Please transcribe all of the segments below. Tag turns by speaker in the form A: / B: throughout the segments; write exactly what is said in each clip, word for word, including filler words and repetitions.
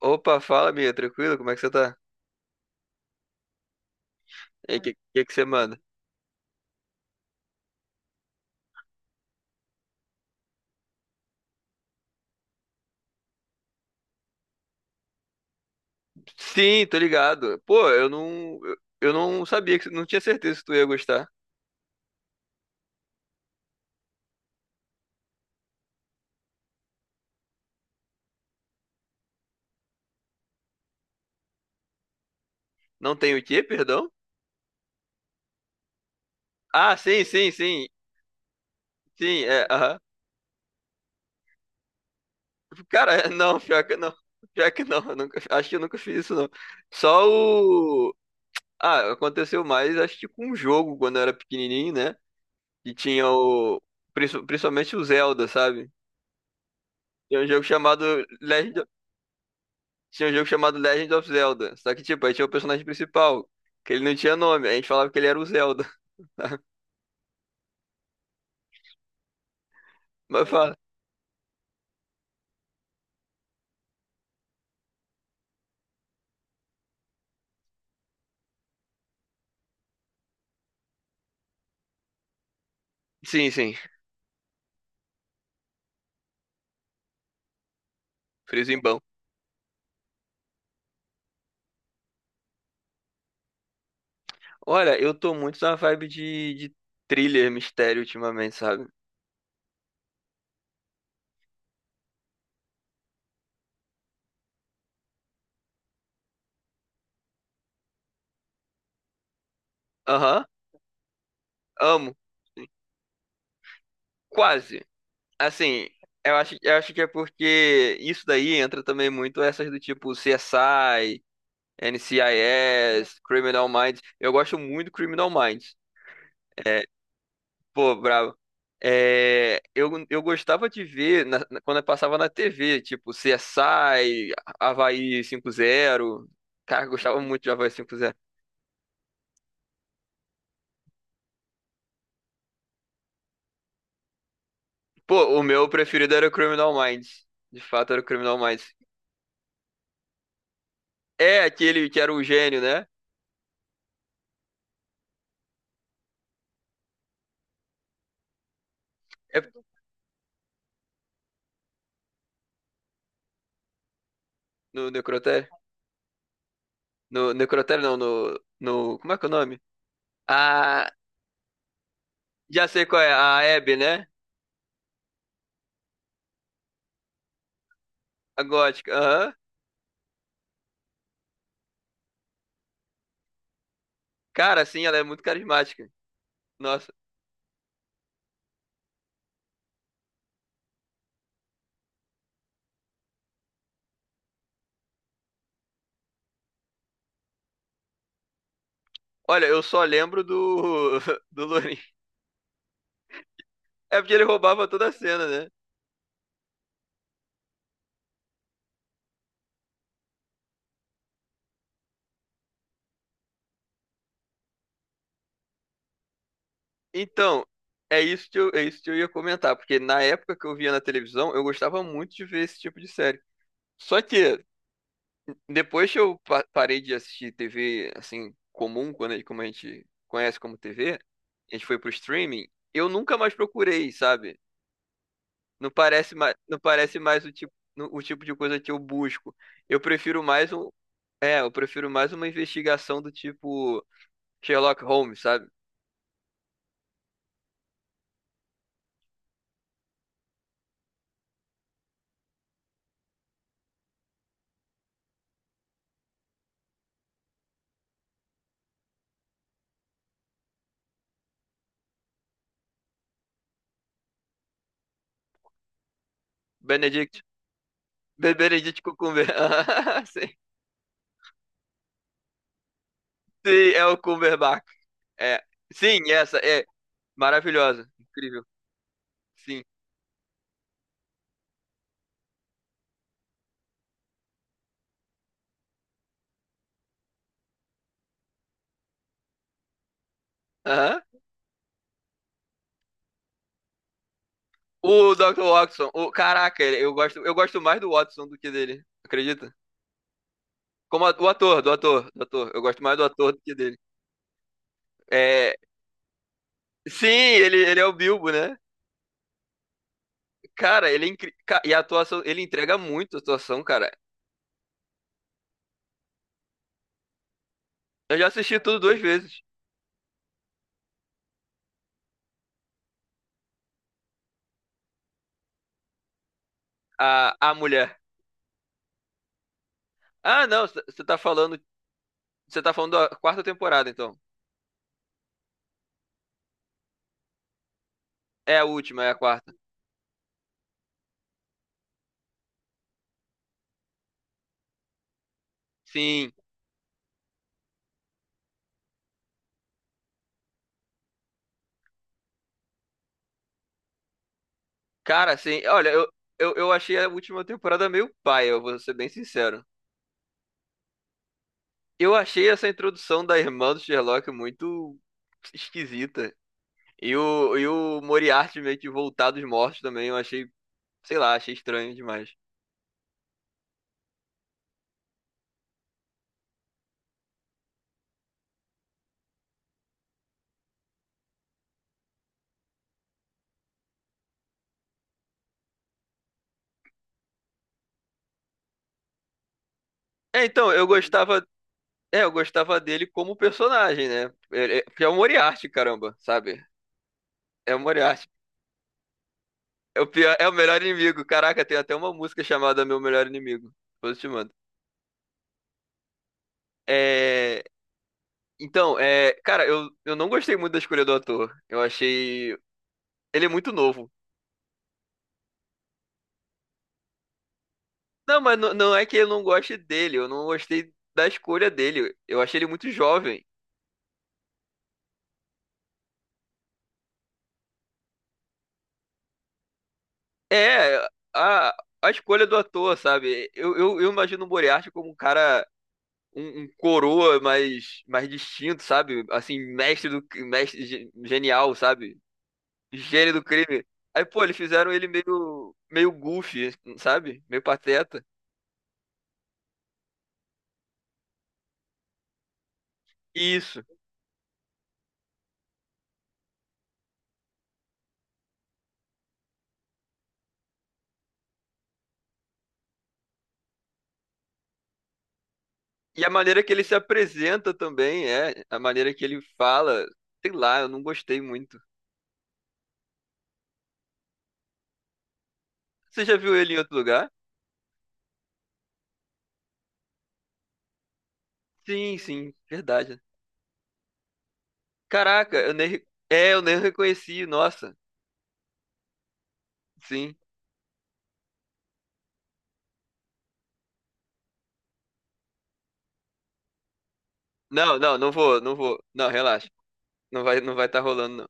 A: Opa, fala, Bia, tranquilo? Como é que você tá? E aí, que, que que você manda? Sim, tô ligado. Pô, eu não, eu eu não sabia que não tinha certeza se tu ia gostar. Não tem o quê, perdão? Ah, sim, sim, sim. Sim, é, aham. Cara, não, pior que não. Pior que não, eu nunca, acho que eu nunca fiz isso não. Só o. Ah, aconteceu mais acho que com um jogo quando eu era pequenininho, né? E tinha o princi- principalmente o Zelda, sabe? Tem um jogo chamado Legend Tinha um jogo chamado Legend of Zelda. Só que, tipo, aí tinha o personagem principal, que ele não tinha nome. A gente falava que ele era o Zelda. Tá? Mas fala. Sim, sim. Friso bom. Olha, eu tô muito na vibe de, de thriller, mistério ultimamente, sabe? Aham, amo. Quase. Assim, eu acho, eu acho que é porque isso daí entra também muito essas do tipo C S I, N C I S, Criminal Minds. Eu gosto muito do Criminal Minds. É. Pô, brabo. É, eu, eu gostava de ver na- na- quando eu passava na T V, tipo C S C S I, Havaí cinco zero. Cara, eu gostava muito de Havaí cinco zero. Pô, o meu preferido era o Criminal Minds. De fato, era o Criminal Minds. É aquele que era o gênio, né? É no Necrotério? No Necrotério, não, no, no. Como é que é o nome? Ah, já sei qual é, a Abby, né? A gótica. Aham. Cara, sim, ela é muito carismática. Nossa. Olha, eu só lembro do, do Lourinho. É porque ele roubava toda a cena, né? Então, é isso que eu, é isso que eu ia comentar, porque na época que eu via na televisão, eu gostava muito de ver esse tipo de série. Só que depois que eu pa- parei de assistir T V assim comum, quando a- como a gente conhece como T V, a gente foi pro streaming, eu nunca mais procurei, sabe? Não parece mais, não parece mais o tipo, no- o tipo de coisa que eu busco. Eu prefiro mais um, é, eu prefiro mais uma investigação do tipo Sherlock Holmes, sabe? Benedict Beberedito Cucumber. Sim. Sim, é o Cumberbatch. É. Sim, essa é maravilhosa. Incrível. Sim. Aham. O Doutor Watson. O, caraca, ele- eu gosto, eu gosto mais do Watson do que dele. Acredita? Como a- o ator, do ator, do ator. Eu gosto mais do ator do que dele. É, sim, ele, ele é o Bilbo, né? Cara, ele é incri... ca- e a atuação, ele entrega muito a atuação, cara. Eu já assisti tudo duas vezes. A, a mulher. Ah, não, você tá falando, você tá falando da quarta temporada, então. É a última, é a quarta. Sim. Cara, sim. Olha, eu, eu, eu achei a última temporada meio paia, eu vou ser bem sincero. Eu achei essa introdução da irmã do Sherlock muito esquisita. E o, e o Moriarty meio que voltar dos mortos também, eu achei, sei lá, achei estranho demais. É, então, eu gostava, é, eu gostava dele como personagem, né? Ele- é- Porque é o Moriarty, caramba, sabe? É o Moriarty. É o pior, é o melhor inimigo. Caraca, tem até uma música chamada Meu Melhor Inimigo. Depois eu te mando. É, então, é, cara, eu, eu não gostei muito da escolha do ator. Eu achei. Ele é muito novo. Não, mas não, não é que eu não goste dele, eu não gostei da escolha dele. Eu achei ele muito jovem. É, a, a escolha do ator, sabe? Eu, eu, eu imagino o Moriarty como um cara. Um, um coroa mais, mais, distinto, sabe? Assim, mestre do. cri- Mestre ge- genial, sabe? Gênio do crime. Aí, pô, eles fizeram ele meio. Meio goofy, sabe? Meio pateta. Isso. E a maneira que ele se apresenta também é, a maneira que ele fala, sei lá, eu não gostei muito. Você já viu ele em outro lugar? Sim, sim, verdade. Caraca, eu nem, re- é, eu nem reconheci, nossa. Sim. Não, não, não vou, não vou. Não, relaxa. Não vai, não vai estar rolando não.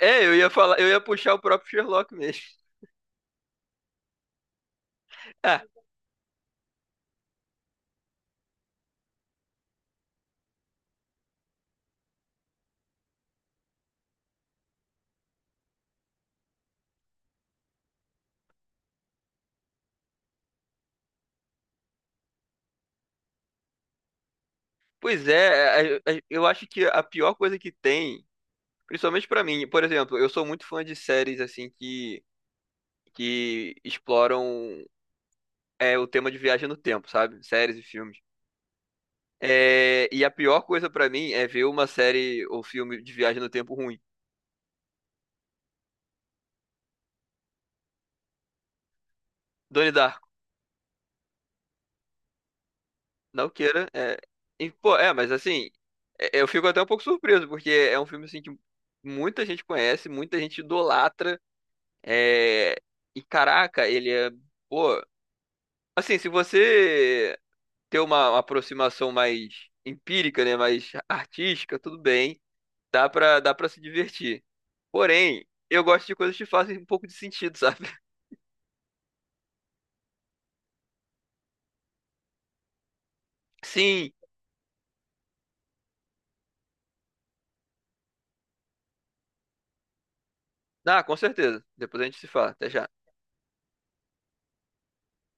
A: É, eu ia falar, eu ia puxar o próprio Sherlock mesmo. Ah, pois é, a- a- eu acho que a pior coisa que tem, principalmente pra mim, por exemplo, eu sou muito fã de séries assim que que exploram é o tema de viagem no tempo, sabe? Séries e filmes. É, e a pior coisa pra mim é ver uma série ou filme de viagem no tempo ruim. Donnie Darko, não queira. É, e, pô, é, mas assim, é- eu fico até um pouco surpreso, porque é um filme assim que muita gente conhece, muita gente idolatra. É, e caraca, ele é, pô, assim, se você ter uma, uma aproximação mais empírica, né, mais artística, tudo bem. Dá pra, dá pra se divertir. Porém, eu gosto de coisas que fazem um pouco de sentido, sabe? Sim. Ah, com certeza. Depois a gente se fala. Até já.